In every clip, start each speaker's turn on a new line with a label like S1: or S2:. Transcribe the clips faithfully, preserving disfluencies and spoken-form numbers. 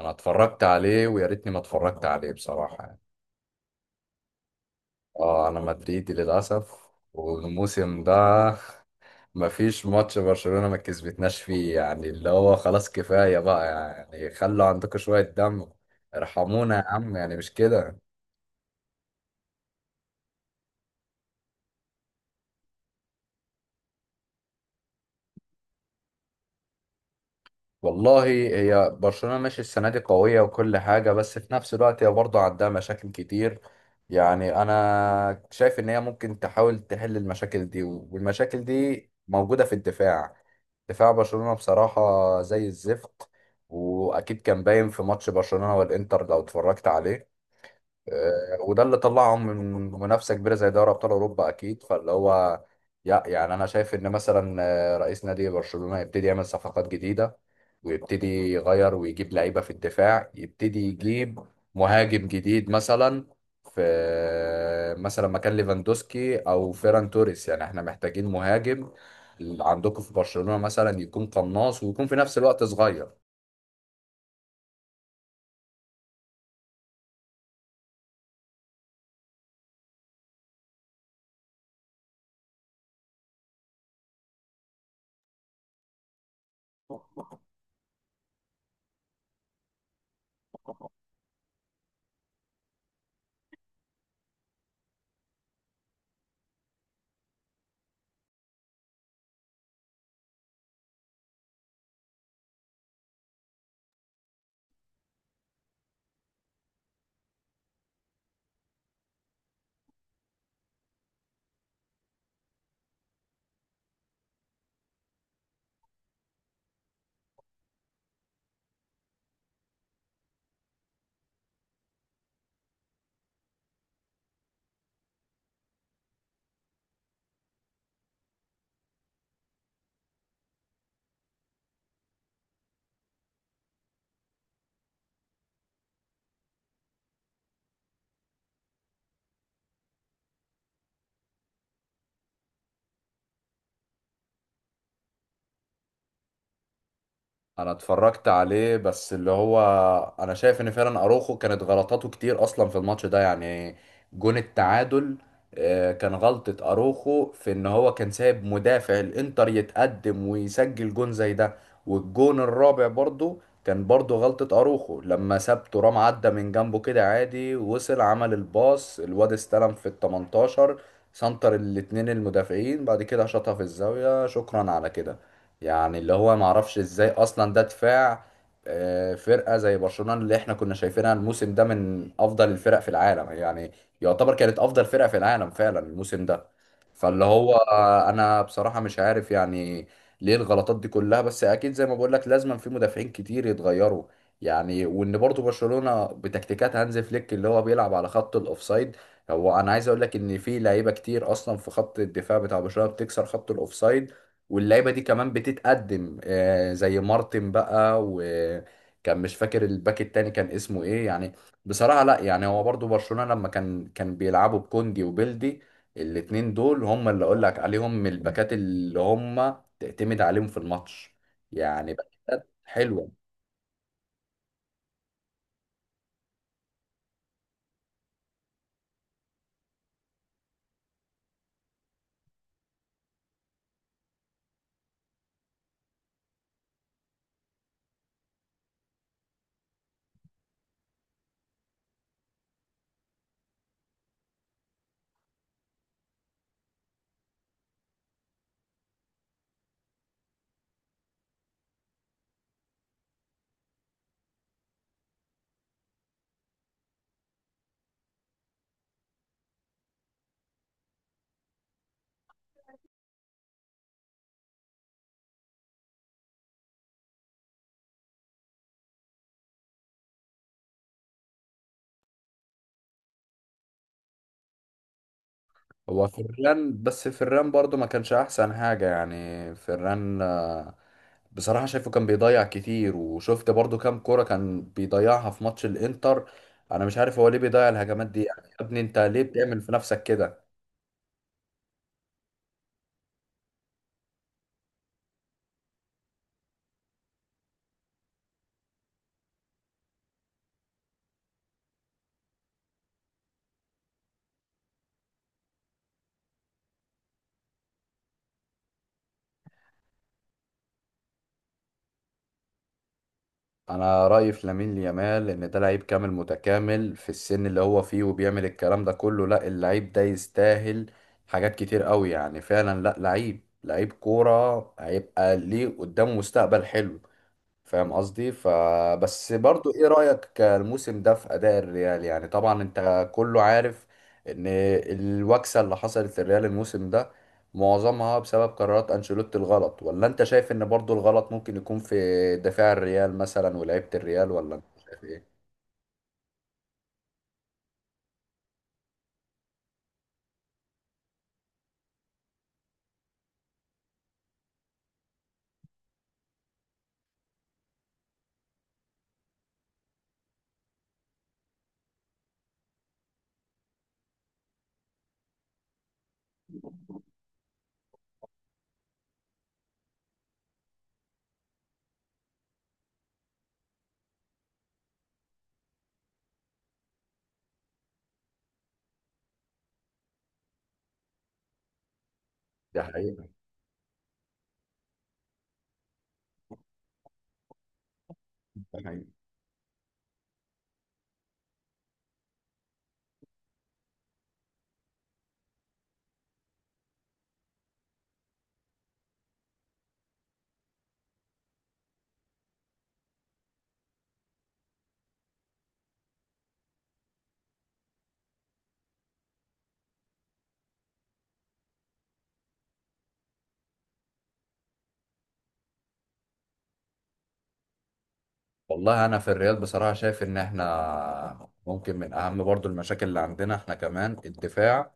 S1: انا اتفرجت عليه ويا ريتني ما اتفرجت عليه بصراحة يعني. اه انا مدريدي للاسف والموسم ده مفيش ماتش برشلونة ما كسبتناش فيه يعني اللي هو خلاص كفاية بقى يعني خلوا عندكم شوية دم ارحمونا يا عم يعني مش كده. والله هي برشلونة ماشي السنة دي قوية وكل حاجة، بس في نفس الوقت هي برضه عندها مشاكل كتير. يعني أنا شايف إن هي ممكن تحاول تحل المشاكل دي، والمشاكل دي موجودة في الدفاع. دفاع برشلونة بصراحة زي الزفت، وأكيد كان باين في ماتش برشلونة والإنتر لو اتفرجت عليه. آه، وده اللي طلعهم من منافسه كبيره زي دوري ابطال اوروبا اكيد. فاللي هو يع- يعني انا شايف ان مثلا آه، رئيس نادي برشلونه يبتدي يعمل صفقات جديده، ويبتدي يغير ويجيب لعيبه في الدفاع، يبتدي يجيب مهاجم جديد مثلا في آه، مثلا مكان ليفاندوسكي او فيران توريس. يعني احنا محتاجين مهاجم عندكم في برشلونه مثلا يكون قناص ويكون في نفس الوقت صغير. انا اتفرجت عليه، بس اللي هو انا شايف ان فعلا اروخو كانت غلطاته كتير اصلا في الماتش ده يعني. جون التعادل آه، كان غلطة اروخو في ان هو كان سايب مدافع الانتر يتقدم ويسجل جون زي ده. والجون الرابع برضو كان برضو غلطة اروخو لما ساب ترام عدى من جنبه كده عادي، وصل عمل الباص، الواد استلم في ال التمنتاشر سنتر، الاتنين المدافعين بعد كده شاطها في الزاوية، شكرا على كده. يعني اللي هو معرفش ازاي اصلا ده دفاع آه، فرقة زي برشلونة اللي احنا كنا شايفينها الموسم ده من افضل الفرق في العالم، يعني يعتبر كانت افضل فرقة في العالم فعلا الموسم ده. فاللي هو آه، انا بصراحة مش عارف يعني ليه الغلطات دي كلها، بس اكيد زي ما بقول لك لازم في مدافعين كتير يتغيروا. يعني وان برضو برشلونة بتكتيكات هانز فليك اللي هو بيلعب على خط الاوفسايد، هو انا عايز اقول لك ان في لعيبة كتير اصلا في خط الدفاع بتاع برشلونة بتكسر خط الاوفسايد. واللعيبه دي كمان بتتقدم آه، زي مارتن بقى، وكان مش فاكر الباك التاني كان اسمه ايه يعني. بصراحه لا، يعني هو برضو برشلونه لما كان كان بيلعبوا بكوندي وبيلدي، الاتنين دول هم اللي اقول لك عليهم من الباكات اللي هم تعتمد عليهم في الماتش، يعني باكات حلوه. هو فران، بس فران برضو ما كانش احسن حاجة، يعني فران آه، بصراحة شايفه كان بيضيع كتير، وشفت برضو كام كورة كان بيضيعها في ماتش الانتر. انا مش عارف هو ليه بيضيع الهجمات دي يعني، يا ابني انت ليه بتعمل في نفسك كده. انا رأيي في لامين يامال ان ده لعيب كامل متكامل في السن اللي هو فيه وبيعمل الكلام ده كله، لا اللعيب ده يستاهل حاجات كتير قوي، يعني فعلا لا لعيب، لعيب كورة هيبقى ليه قدامه مستقبل حلو. فاهم قصدي؟ فبس برضو ايه رأيك الموسم ده في اداء الريال؟ يعني طبعا انت كله عارف ان الوكسة اللي حصلت للريال الموسم ده معظمها بسبب قرارات انشيلوتي الغلط، ولا انت شايف ان برضو الغلط ممكن يكون في دفاع الريال مثلا ولاعيبة الريال، ولا انت شايف ايه؟ دي حقيقة. ده حقيقي. والله انا في الريال بصراحة شايف ان احنا ممكن من اهم برضو المشاكل اللي عندنا احنا كمان الدفاع،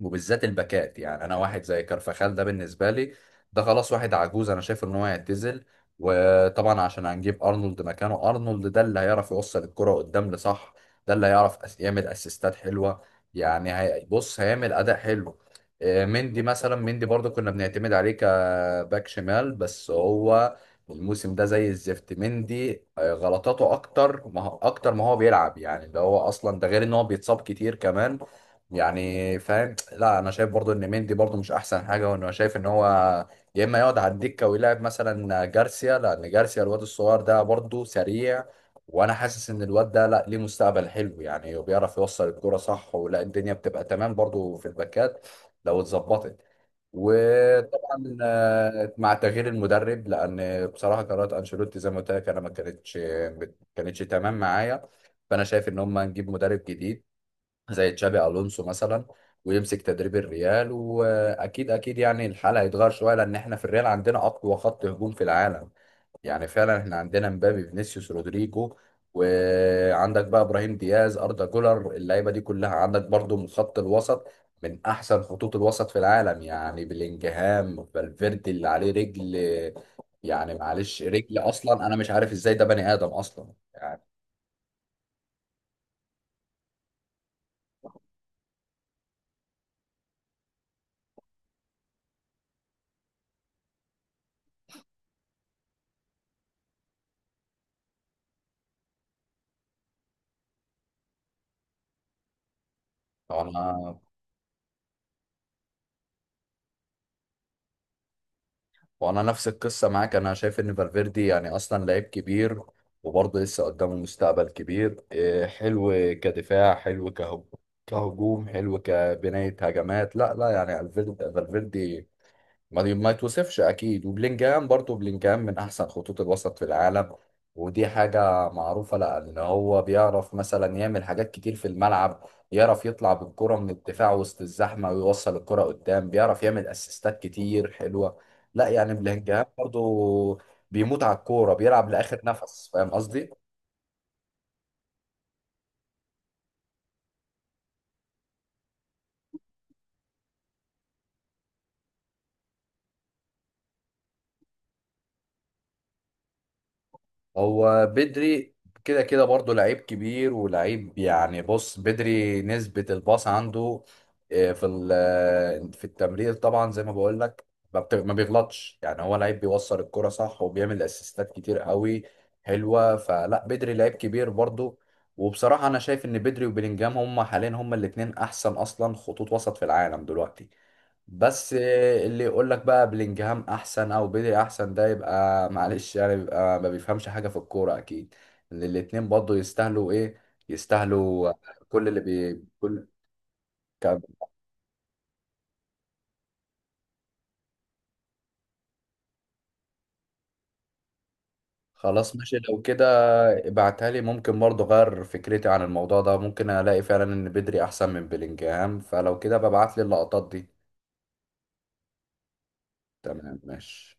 S1: وبالذات الباكات. يعني انا واحد زي كارفاخال ده بالنسبه لي ده خلاص واحد عجوز، انا شايف ان هو هيعتزل. وطبعا عشان هنجيب ارنولد مكانه، ارنولد ده اللي هيعرف يوصل الكره قدام لصح، ده اللي هيعرف أس- يعمل اسيستات حلوه. يعني هي- بص هيعمل اداء حلو. آه، مندي مثلا، مندي برضو كنا بنعتمد عليه كباك شمال، بس هو الموسم ده زي الزفت. مندي آه، غلطاته اكتر ما هو- اكتر ما هو بيلعب يعني ده هو اصلا، ده غير ان هو بيتصاب كتير كمان يعني فاهم؟ لا انا شايف برضو ان مندي برضو مش احسن حاجه، وانه شايف ان هو يا اما يقعد على الدكه، ويلعب مثلا جارسيا، لان جارسيا الواد الصغير ده برضو سريع. وانا حاسس ان الواد ده لا ليه مستقبل حلو يعني، وبيعرف يوصل الكوره صح، ولا الدنيا بتبقى تمام برضو في الباكات لو اتظبطت. وطبعا آه، مع تغيير المدرب، لان بصراحه قرارات انشيلوتي زي ما قلت لك انا ما كانتش ما كانتش تمام معايا. فانا شايف ان هم نجيب مدرب جديد زي تشابي الونسو مثلا، ويمسك تدريب الريال، واكيد اكيد يعني الحال هيتغير شويه، لان احنا في الريال عندنا اقوى خط هجوم في العالم. يعني فعلا احنا عندنا مبابي، فينيسيوس، رودريجو، وعندك بقى ابراهيم دياز، اردا جولر، اللعيبه دي كلها. عندك برضو من خط الوسط من احسن خطوط الوسط في العالم، يعني بلينجهام، فالفيردي اللي عليه رجل. يعني معلش، رجل اصلا انا مش عارف ازاي ده بني ادم اصلا يعني. طبعا. وانا نفس القصه معاك، انا شايف ان فالفيردي يعني اصلا لعيب كبير، وبرضه لسه قدامه مستقبل كبير إيه، حلو. كدفاع حلو، كهجوم، كهجوم حلو، كبنايه هجمات. لا لا يعني الفير- فالفيردي ما دي- ما يتوصفش اكيد. وبلينجهام برضه، بلينجهام من احسن خطوط الوسط في العالم ودي حاجة معروفة، لأن هو بيعرف مثلا يعمل حاجات كتير في الملعب. يعرف يطلع بالكرة من الدفاع وسط الزحمة، ويوصل الكرة قدام، بيعرف يعمل أسيستات كتير حلوة. لا يعني بلينجهام برضه بيموت على الكورة، بيلعب لآخر نفس، فاهم قصدي؟ هو بدري كده كده برضه لعيب كبير ولعيب، يعني بص بدري نسبة الباص عنده آه، في ال- آه، في التمرير طبعا زي ما بقول لك ما بت- ما بيغلطش، يعني هو لعيب بيوصل الكرة صح وبيعمل اسيستات كتير قوي حلوة. فلا بدري لعيب كبير برضه. وبصراحة أنا شايف إن بدري وبيلينجهام هما حاليا، هما الاتنين أحسن أصلا خطوط وسط في العالم دلوقتي. بس اللي يقول لك بقى بلينجهام احسن او بدري احسن، ده يبقى معلش يعني بيبقى ما بيفهمش حاجه في الكوره اكيد. ان الاتنين برضه يستاهلوا ايه، يستاهلوا كل اللي بي كل كام خلاص ماشي لو كده ابعتها لي، ممكن برضه اغير فكرتي عن الموضوع ده، ممكن الاقي فعلا ان بدري احسن من بلينجهام، فلو كده ببعت لي اللقطات دي. تمام ماشي.